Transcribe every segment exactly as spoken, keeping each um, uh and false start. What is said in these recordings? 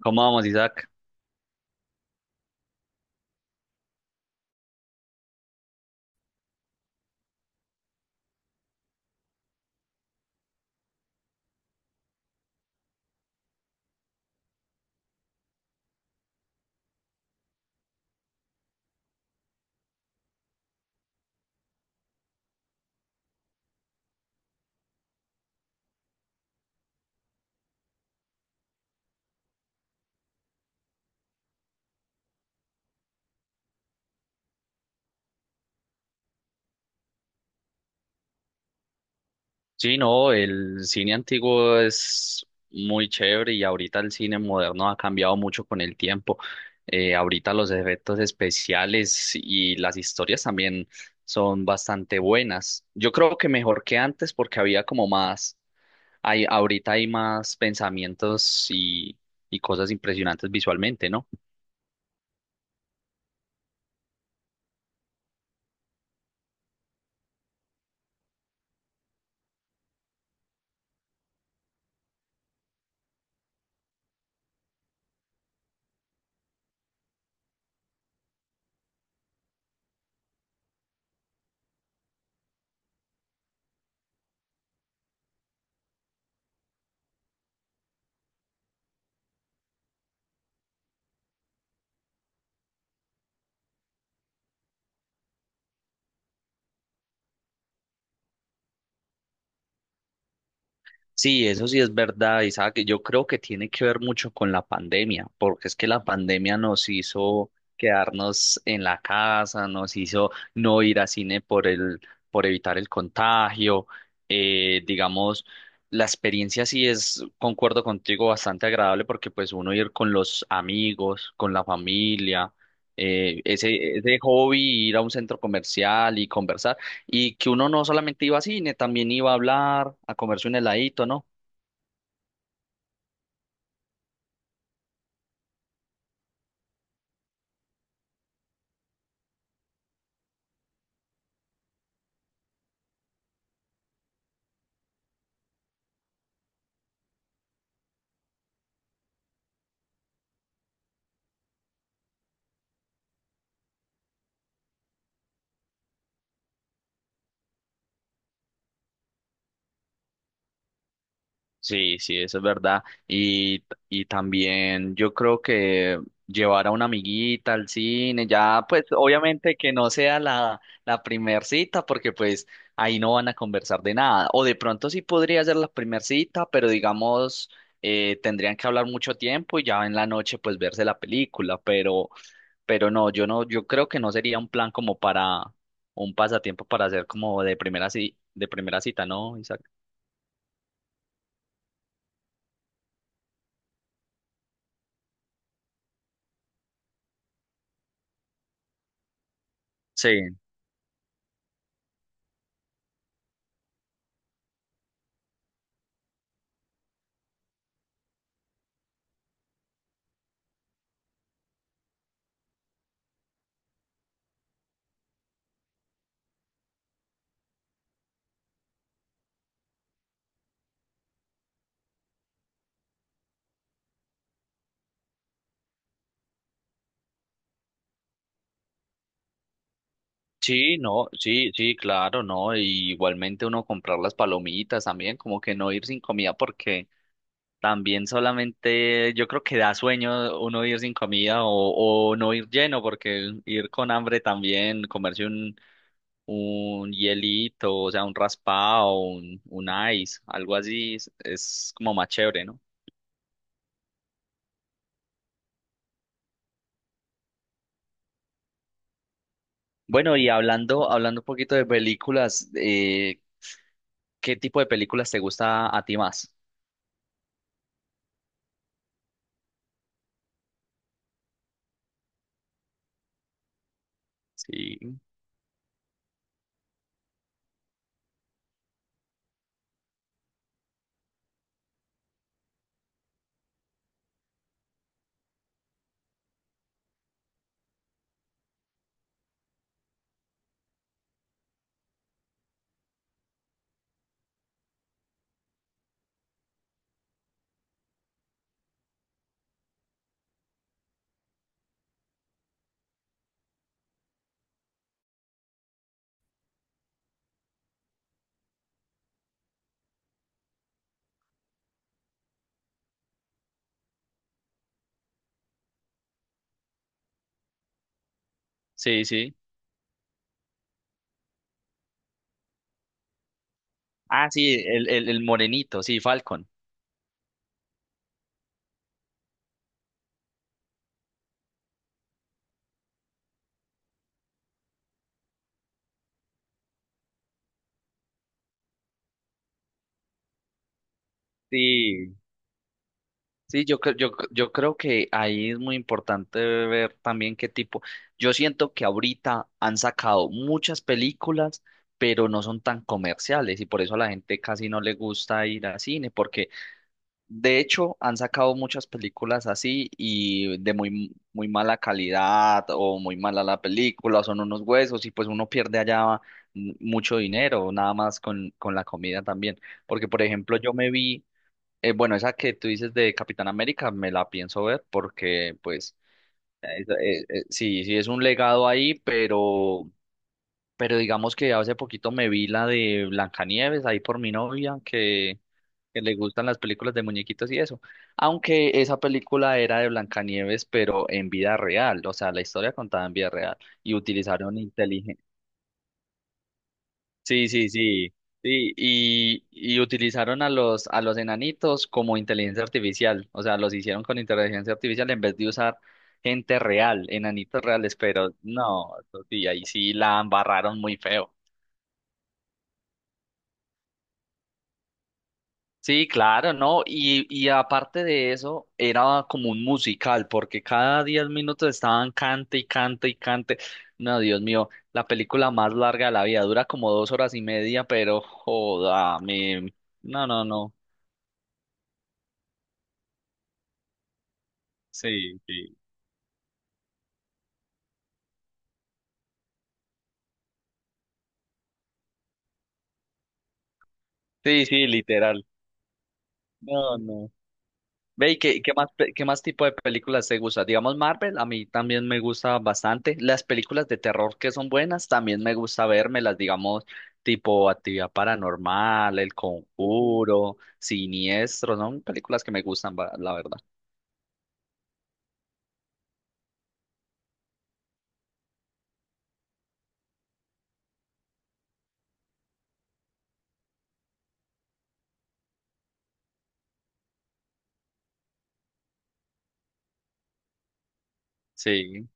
¿Cómo vamos, Isaac? Sí, no, el cine antiguo es muy chévere y ahorita el cine moderno ha cambiado mucho con el tiempo. Eh, ahorita los efectos especiales y las historias también son bastante buenas. Yo creo que mejor que antes porque había como más, hay, ahorita hay más pensamientos y, y cosas impresionantes visualmente, ¿no? Sí, eso sí es verdad, Isaac. Yo creo que tiene que ver mucho con la pandemia, porque es que la pandemia nos hizo quedarnos en la casa, nos hizo no ir a cine por el, por evitar el contagio. Eh, digamos, la experiencia sí es, concuerdo contigo, bastante agradable porque pues uno ir con los amigos, con la familia, eh, ese, ese hobby, ir a un centro comercial y conversar y que uno no solamente iba a cine, también iba a hablar, a comerse un heladito, ¿no? Sí, sí, eso es verdad. Y, y también yo creo que llevar a una amiguita al cine, ya pues obviamente que no sea la, la primer cita, porque pues ahí no van a conversar de nada. O de pronto sí podría ser la primer cita, pero digamos, eh, tendrían que hablar mucho tiempo y ya en la noche pues verse la película, pero... Pero no, yo no, yo creo que no sería un plan como para un pasatiempo para hacer como de primera ci- de primera cita, ¿no, Isaac? Sí, sí, no, sí, sí, claro, no. Y igualmente uno comprar las palomitas también, como que no ir sin comida porque también solamente yo creo que da sueño uno ir sin comida o, o no ir lleno porque ir con hambre también, comerse un, un hielito, o sea, un raspado, un, un ice, algo así es, es como más chévere, ¿no? Bueno, y hablando, hablando un poquito de películas, eh, ¿qué tipo de películas te gusta a ti más? Sí, sí, sí. Ah, sí, el, el, el morenito, sí, Falcon. Sí, sí, yo, cre- yo, yo creo que ahí es muy importante ver también qué tipo. Yo siento que ahorita han sacado muchas películas, pero no son tan comerciales y por eso a la gente casi no le gusta ir al cine, porque de hecho, han sacado muchas películas así y de muy, muy mala calidad o muy mala la película, o son unos huesos y pues uno pierde allá mu- mucho dinero, nada más con, con la comida también. Porque, por ejemplo, yo me vi, eh, bueno, esa que tú dices de Capitán América, me la pienso ver porque pues eh, es- eh, eh, sí, sí es un legado ahí, pero, pero digamos que hace poquito me vi la de Blancanieves ahí por mi novia, que le gustan las películas de muñequitos y eso. Aunque esa película era de Blancanieves, pero en vida real, o sea, la historia contada en vida real y utilizaron inteligencia. Sí, sí, sí. Sí, y, y utilizaron a los a los enanitos como inteligencia artificial, o sea, los hicieron con inteligencia artificial en vez de usar gente real, enanitos reales, pero no, eso sí, ahí sí la embarraron muy feo. Sí, claro, ¿no? Y, y aparte de eso, era como un musical, porque cada diez minutos estaban cante y cante y cante. No, Dios mío, la película más larga de la vida dura como dos horas y media, pero joda, me... No, no, no. Sí, sí. Sí, sí, literal. No, no. Ve, ¿y qué, qué más, pe- qué más tipo de películas te gusta? Digamos, Marvel, a mí también me gusta bastante. Las películas de terror que son buenas, también me gusta las digamos, tipo Actividad Paranormal, El Conjuro, Siniestro, son películas que me gustan, va- la verdad. Sí.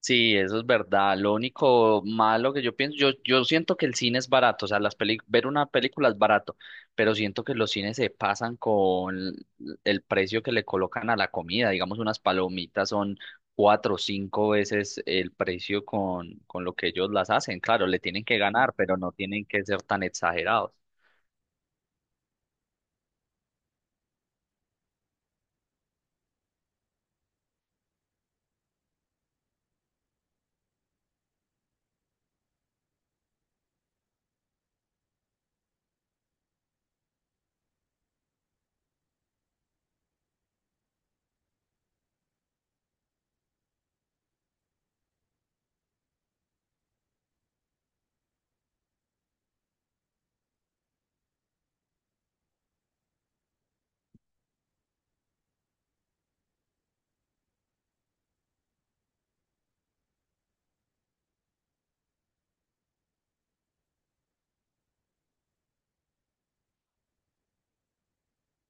Sí, eso es verdad. Lo único malo que yo pienso, yo, yo siento que el cine es barato, o sea, las peli- ver una película es barato, pero siento que los cines se pasan con el precio que le colocan a la comida. Digamos, unas palomitas son cuatro o cinco veces el precio con, con lo que ellos las hacen. Claro, le tienen que ganar, pero no tienen que ser tan exagerados.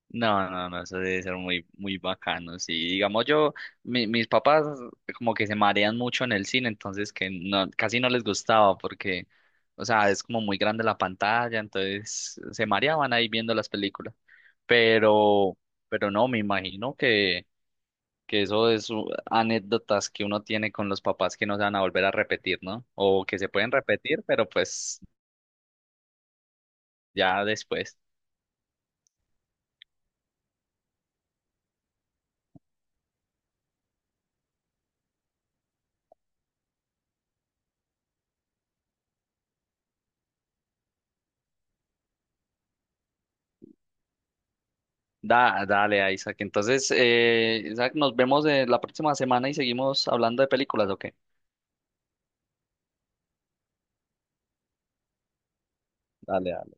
No, no, no, eso debe ser muy, muy bacano. Sí, digamos yo, mi- mis papás como que se marean mucho en el cine, entonces que no, casi no les gustaba porque, o sea, es como muy grande la pantalla, entonces se mareaban ahí viendo las películas. Pero, pero no, me imagino que, que eso es u- anécdotas que uno tiene con los papás que no se van a volver a repetir, ¿no? O que se pueden repetir, pero pues ya después. Da, dale, Isaac. Entonces, eh, Isaac, nos vemos eh, la próxima semana y seguimos hablando de películas, ¿o qué? Dale,